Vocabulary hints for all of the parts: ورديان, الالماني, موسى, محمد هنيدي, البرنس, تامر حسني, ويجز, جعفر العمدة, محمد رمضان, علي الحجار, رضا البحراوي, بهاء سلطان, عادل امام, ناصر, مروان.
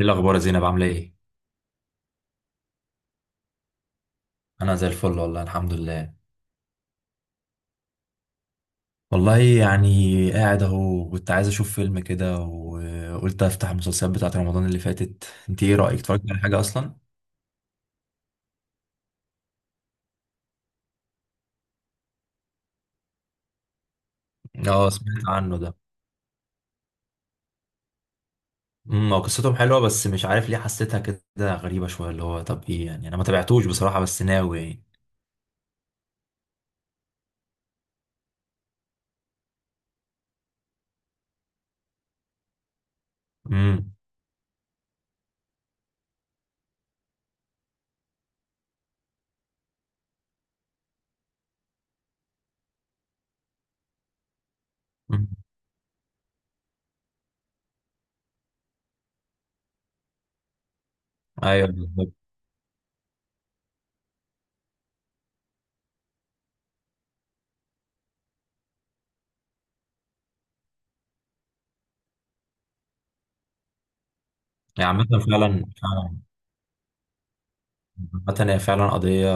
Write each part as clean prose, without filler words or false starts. ايه الاخبار يا زينب؟ عامله ايه؟ انا زي الفل، والله الحمد لله. والله يعني قاعد اهو، كنت عايز اشوف فيلم كده وقلت افتح المسلسلات بتاعت رمضان اللي فاتت. انت ايه رايك؟ اتفرجت على حاجه اصلا؟ اه، سمعت عنه ده. هو قصتهم حلوه بس مش عارف ليه حسيتها كده غريبه شويه. اللي هو طب ايه يعني، انا ما تابعتوش بصراحه، بس ناوي يعني. امم، أمم. ايوه بالظبط. يعني مثلا فعلا فعلا، عامة هي فعلا قضية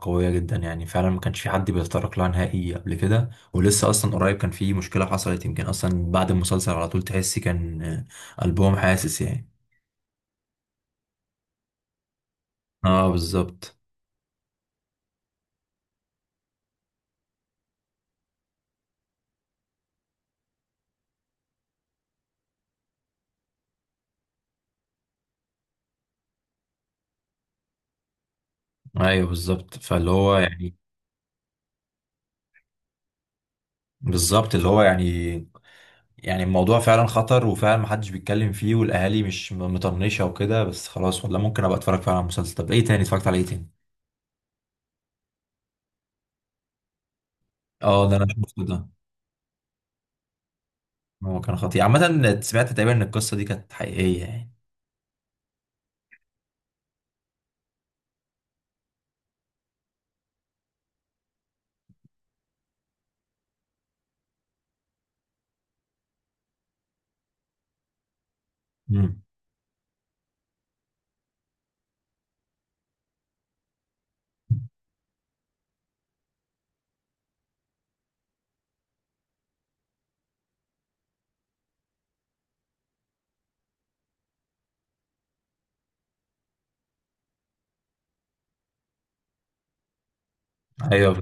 قوية جدا. يعني فعلا ما كانش في حد بيتطرق لها نهائي قبل كده، ولسه أصلا قريب كان في مشكلة حصلت، يمكن أصلا بعد المسلسل على طول تحسي كان قلبهم حاسس يعني. اه بالظبط. ايوه بالظبط، فاللي هو يعني. بالظبط اللي هو يعني. يعني الموضوع فعلا خطر وفعلا محدش بيتكلم فيه، والأهالي مش مطنشة وكده، بس خلاص والله ممكن أبقى أتفرج فعلا على المسلسل. طب إيه تاني؟ اتفرجت على إيه تاني؟ اه ده أنا شفته ده. هو كان خطير عامة، سمعت تقريبا إن القصة دي كانت حقيقية يعني. مم. ايوه،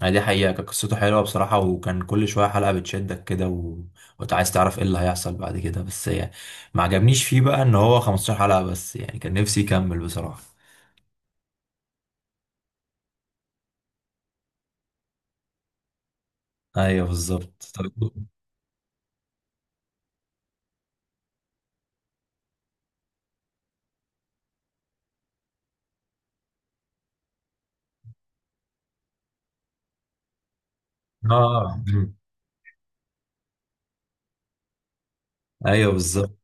يعني دي حقيقة كانت قصته حلوة بصراحة، وكان كل شوية حلقة بتشدك كده. وانت عايز تعرف ايه اللي هيحصل بعد كده. بس يعني ما عجبنيش فيه بقى ان هو 15 حلقة بس، يعني كان نفسي يكمل بصراحة. ايوه بالظبط. اه. ايوه بالظبط.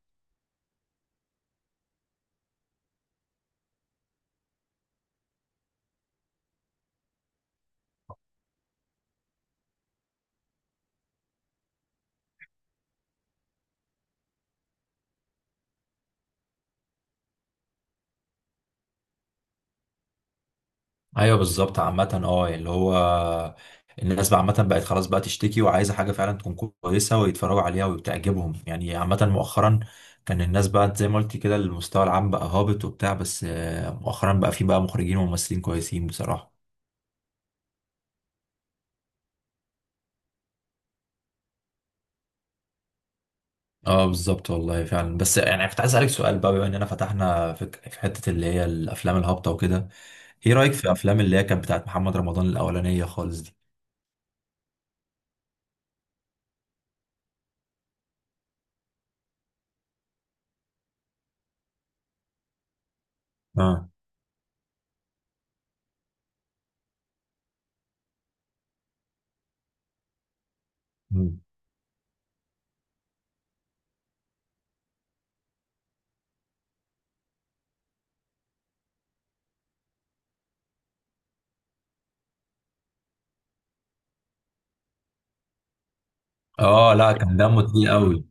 ايوه بالظبط، عامة اه يعني اللي هو الناس بقى عامة بقت خلاص بقى تشتكي وعايزة حاجة فعلا تكون كويسة ويتفرجوا عليها وبتعجبهم، يعني عامة مؤخرا كان الناس بقى زي ما قلت كده المستوى العام بقى هابط وبتاع. بس مؤخرا بقى في بقى مخرجين وممثلين كويسين بصراحة. اه بالظبط، والله فعلا. بس يعني كنت عايز اسألك سؤال بقى، بما اننا فتحنا في حتة اللي هي الافلام الهابطة وكده. ايه رأيك في افلام اللي هي كانت بتاعت محمد رمضان الاولانية خالص دي؟ اه. مم. اه، لا كان دمه تقيل قوي.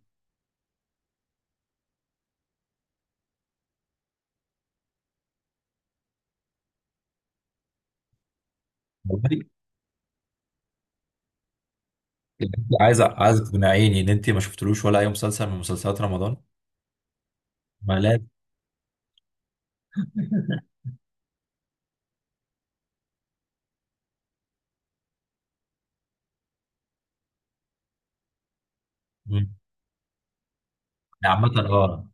يعني انت عايز تقنعيني ان انت ما شفتلوش ولا اي مسلسل من مسلسلات رمضان؟ ما لازم. مم. يعني عامة اه،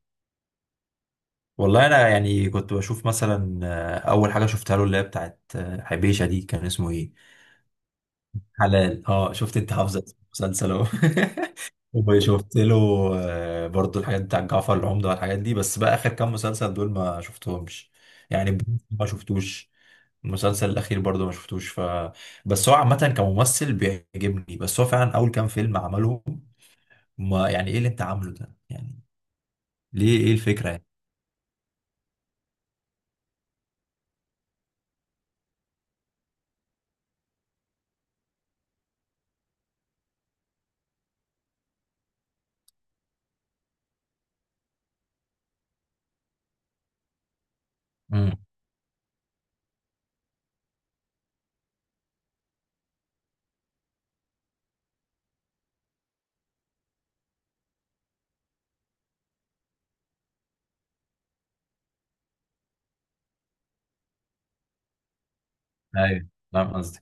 والله انا يعني كنت بشوف مثلا، اول حاجة شفتها له اللي هي بتاعت حبيشة دي، كان اسمه ايه؟ حلال، اه. شفت انت حافظة اسم المسلسل اهو وشفت له برضو الحاجات بتاع جعفر العمدة والحاجات دي، بس بقى آخر كام مسلسل دول ما شفتهمش. يعني البرنس ما شفتوش، المسلسل الأخير برضو ما شفتوش. بس هو عامة كممثل بيعجبني، بس هو فعلا أول كام فيلم عملهم، ما يعني إيه اللي أنت عامله ده يعني؟ ليه؟ إيه الفكرة يعني؟ امم، ايوه فاهم قصدي.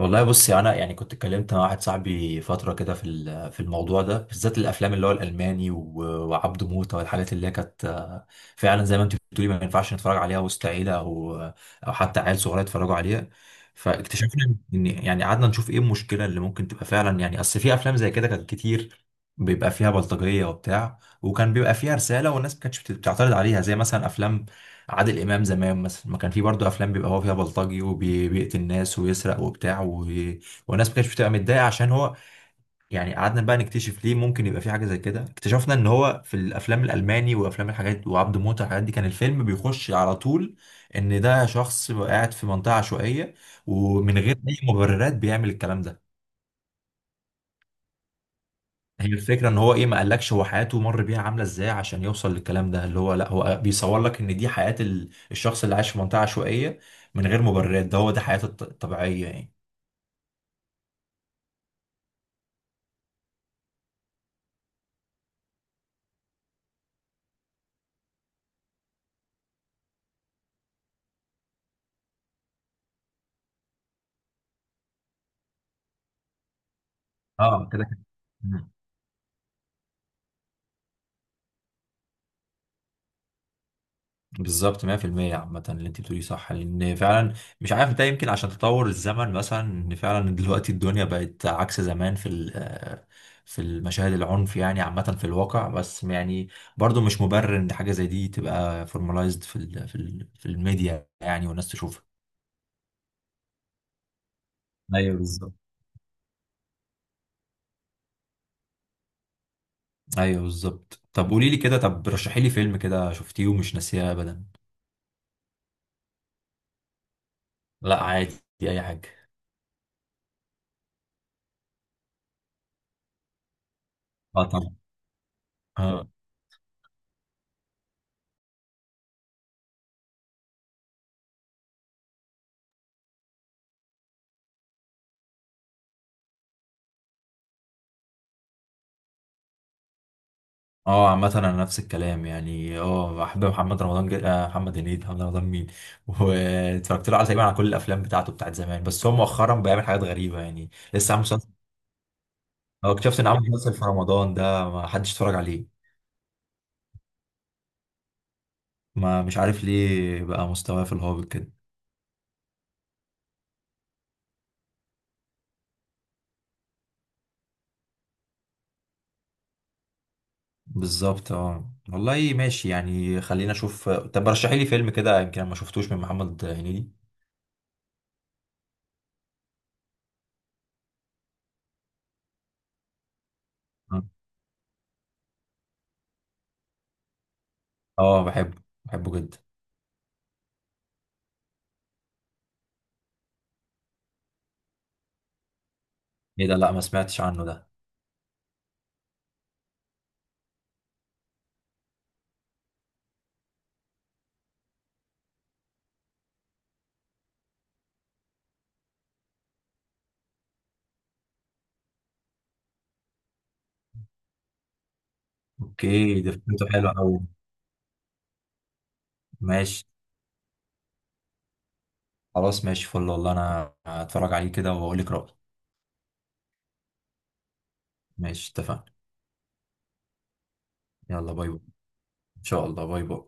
والله بصي انا يعني كنت اتكلمت مع واحد صاحبي فتره كده في الموضوع ده بالذات، الافلام اللي هو الالماني وعبده موته والحاجات اللي هي كانت فعلا زي ما انت بتقولي ما ينفعش نتفرج عليها وسط عيله، او او حتى عيال صغيره يتفرجوا عليها. فاكتشفنا ان يعني قعدنا نشوف ايه المشكله اللي ممكن تبقى فعلا، يعني اصل في افلام زي كده كانت كتير بيبقى فيها بلطجيه وبتاع، وكان بيبقى فيها رساله والناس ما كانتش بتعترض عليها، زي مثلا افلام عادل امام زمان مثلا، ما كان في برضه افلام بيبقى هو فيها بلطجي وبيقتل الناس ويسرق وبتاع. والناس ما كانتش بتبقى متضايقه عشان هو. يعني قعدنا بقى نكتشف ليه ممكن يبقى في حاجه زي كده. اكتشفنا ان هو في الافلام الالماني وافلام الحاجات وعبد موته الحاجات دي، كان الفيلم بيخش على طول ان ده شخص قاعد في منطقه عشوائيه، ومن غير اي مبررات بيعمل الكلام ده. هي الفكرة ان هو ايه؟ ما قالكش هو حياته مر بيها عاملة ازاي عشان يوصل للكلام ده، اللي هو لا، هو بيصور لك ان دي حياة الشخص اللي عايش في منطقة عشوائية، من غير مبررات، ده هو ده حياته الطبيعية يعني. اه كده كده. مم. بالظبط 100%. عامة اللي انت بتقوليه صح، لان فعلا مش عارف ده يمكن عشان تطور الزمن مثلا، ان فعلا دلوقتي الدنيا بقت عكس زمان في ال- آه، في المشاهد العنف يعني، عامة في الواقع. بس يعني برضو مش مبرر ان حاجة زي دي تبقى فورماليزد في الميديا يعني والناس تشوفها. ايوه بالظبط. ايوه بالظبط، طب قولي لي كده، طب رشحي لي فيلم كده شفتيه ومش ناسيه ابدا. لا عادي، اي حاجه. اه طبعا. اه. اه عامة انا نفس الكلام، يعني اه بحب محمد رمضان جد... آه محمد هنيدي محمد رمضان مين واتفرجت له على تقريبا على كل الافلام بتاعته بتاعت زمان، بس هو مؤخرا بيعمل حاجات غريبة، يعني لسه عامل مسلسل. اه اكتشفت ان عامل مسلسل في رمضان ده ما حدش اتفرج عليه. ما مش عارف ليه بقى مستواه في الهابط كده. بالظبط، اه والله ماشي، يعني خلينا اشوف. طب رشحي لي فيلم كده يمكن أنا ما شفتوش من محمد هنيدي. اه بحبه بحبه جدا. ايه ده؟ لا ما سمعتش عنه ده. اوكي، ده فكرته حلوه قوي. ماشي. خلاص ماشي فل، والله انا هتفرج عليه كده واقول لك رأيي. ماشي اتفقنا. يلا باي باي. ان شاء الله باي باي.